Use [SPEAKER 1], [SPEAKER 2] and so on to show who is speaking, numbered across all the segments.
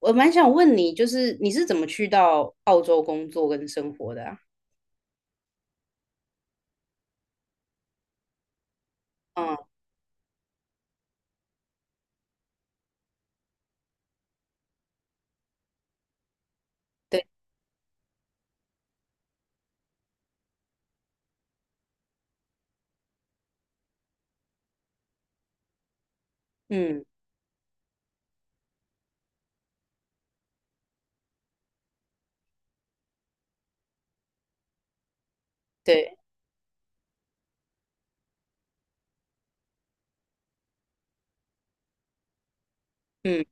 [SPEAKER 1] 我蛮想问你，就是你是怎么去到澳洲工作跟生活的啊。嗯。对。嗯。对。嗯。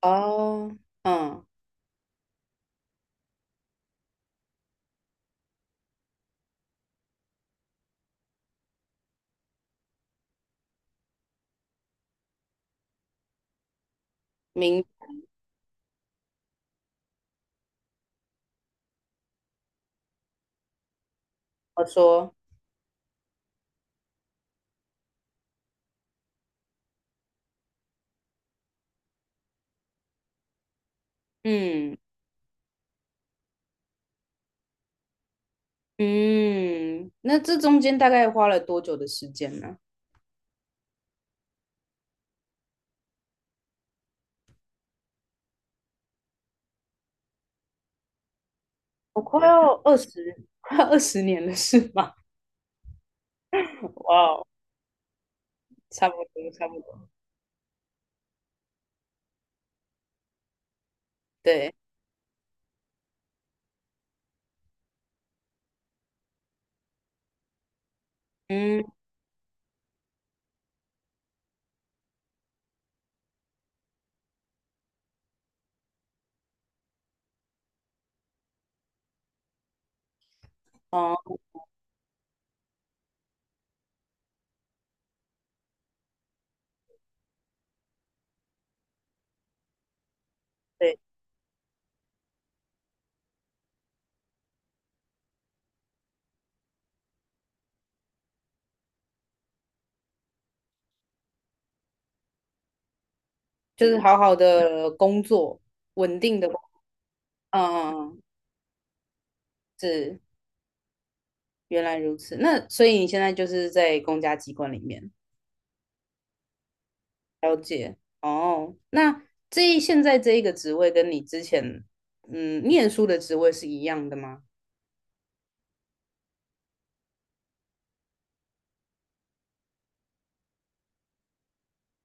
[SPEAKER 1] 哦。嗯。明，我说。嗯嗯。那这中间大概花了多久的时间呢？我快要二十，快要二十年了，是吗？哇哦。差不多，差不多。对。嗯。哦。对。就是好好的工作，稳定的工。嗯嗯。嗯。是。原来如此，那所以你现在就是在公家机关里面。了解哦。那现在这一个职位跟你之前念书的职位是一样的吗？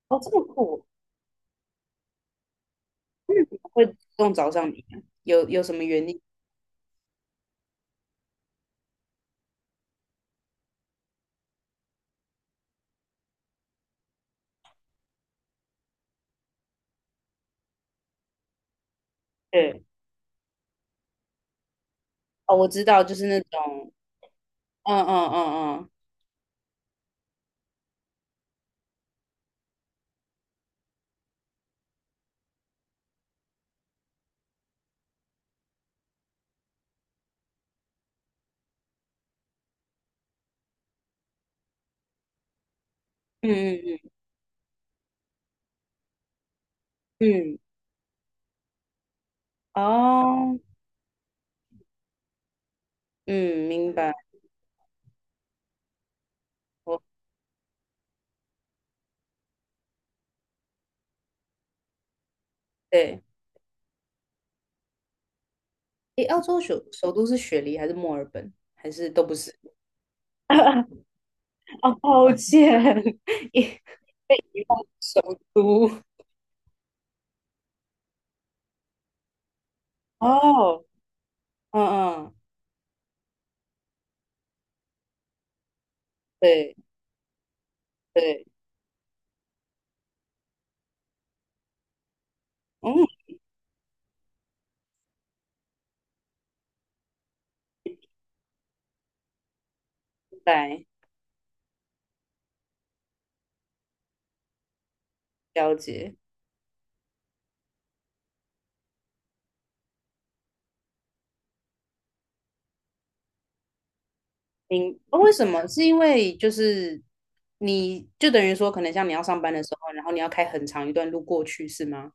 [SPEAKER 1] 哦，这么酷。那什么会主动找上你啊？有什么原因？对。哦，我知道，就是那种。嗯嗯嗯嗯嗯嗯嗯。哦。嗯。明白。我对。诶，澳洲首都是雪梨还是墨尔本，还是都不是？哦，抱歉。首都哦。嗯嗯。对对。嗯。明白。了解。哦，为什么？是因为就是你就等于说，可能像你要上班的时候，然后你要开很长一段路过去，是吗？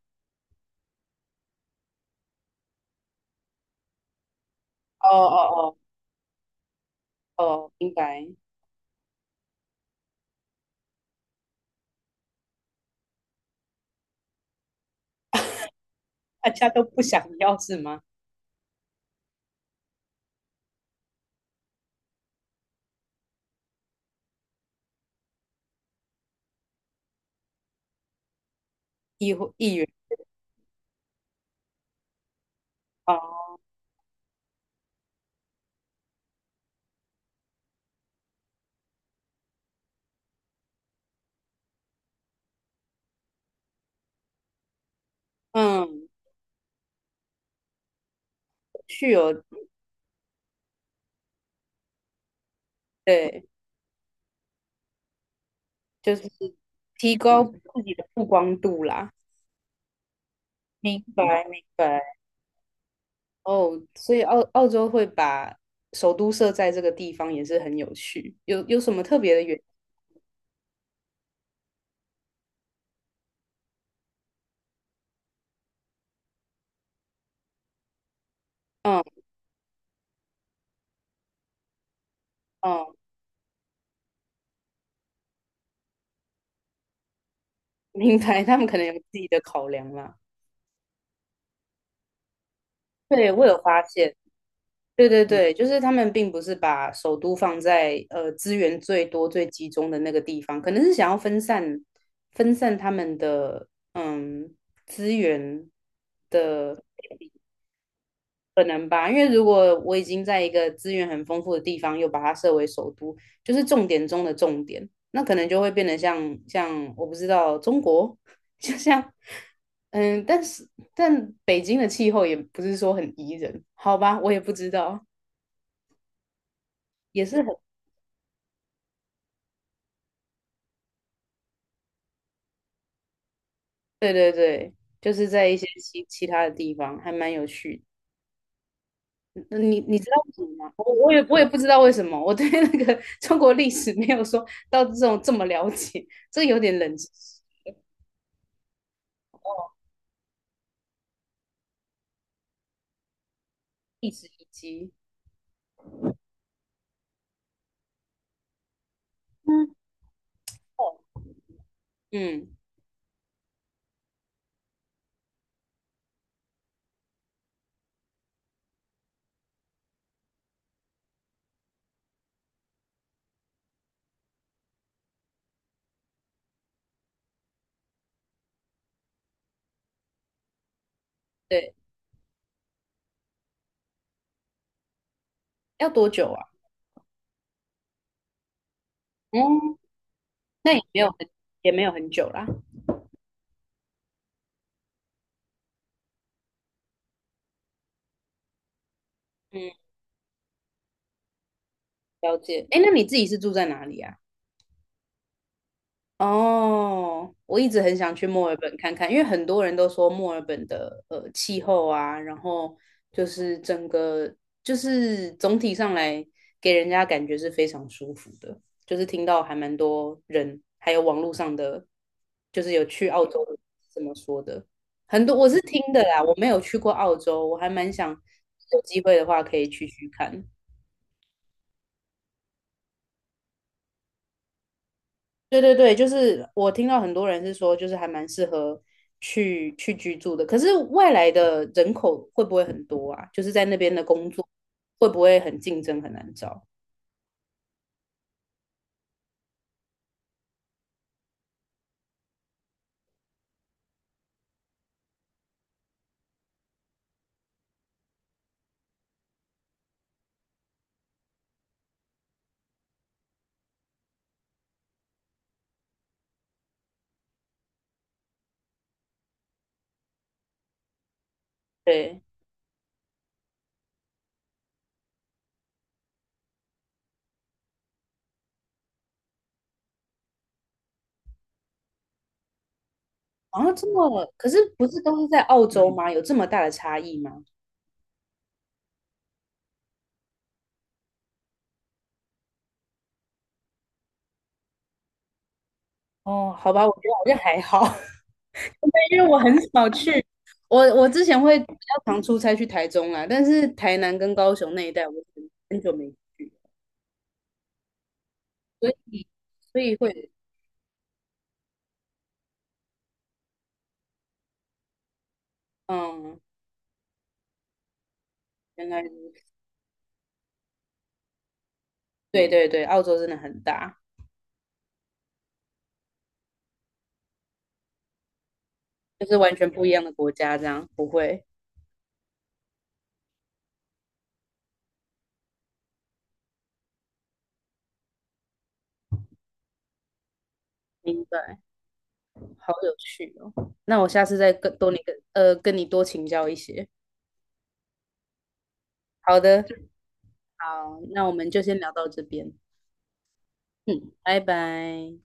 [SPEAKER 1] 哦哦。哦哦。明白。大家都不想要是吗？议会议员。哦。嗯。去哦。对，就是提高自己的曝光度啦。明白明白。哦，所以澳洲会把首都设在这个地方也是很有趣。有什么特别的嗯嗯。明白，他们可能有自己的考量啦。对，我有发现。对对对，就是他们并不是把首都放在资源最多、最集中的那个地方，可能是想要分散他们的资源的。可能吧，因为如果我已经在一个资源很丰富的地方，又把它设为首都，就是重点中的重点，那可能就会变得像我不知道中国。就像。嗯。但是北京的气候也不是说很宜人，好吧，我也不知道。也是很。对对对，就是在一些其他的地方还蛮有趣的。嗯，你知道为什么吗？我也也不知道为什么。我对那个 中国历史没有说到这种这么了解。这有点冷知识。一直以及。嗯。哦。嗯。对。要多久啊？嗯。那也没有很也没有很久啦。嗯。了解。哎，那你自己是住在哪里啊？哦，我一直很想去墨尔本看看，因为很多人都说墨尔本的气候啊，然后就是整个就是总体上来给人家感觉是非常舒服的。就是听到还蛮多人，还有网络上的，就是有去澳洲的这么说的。很多我是听的啦，我没有去过澳洲，我还蛮想有机会的话可以去看。对对对，就是我听到很多人是说，就是还蛮适合去居住的。可是外来的人口会不会很多啊？就是在那边的工作会不会很竞争，很难找？对。然后这么，可是不是都是在澳洲吗？有这么大的差异吗？哦，好吧，我觉得好像还好。对因为我很少去。我之前会比较常出差去台中啊，但是台南跟高雄那一带我很久没去。所以会。嗯。原来对对对，澳洲真的很大。就是完全不一样的国家，这样不会。明白。好有趣哦。那我下次再跟你多请教一些。好的。好，那我们就先聊到这边。嗯，拜拜。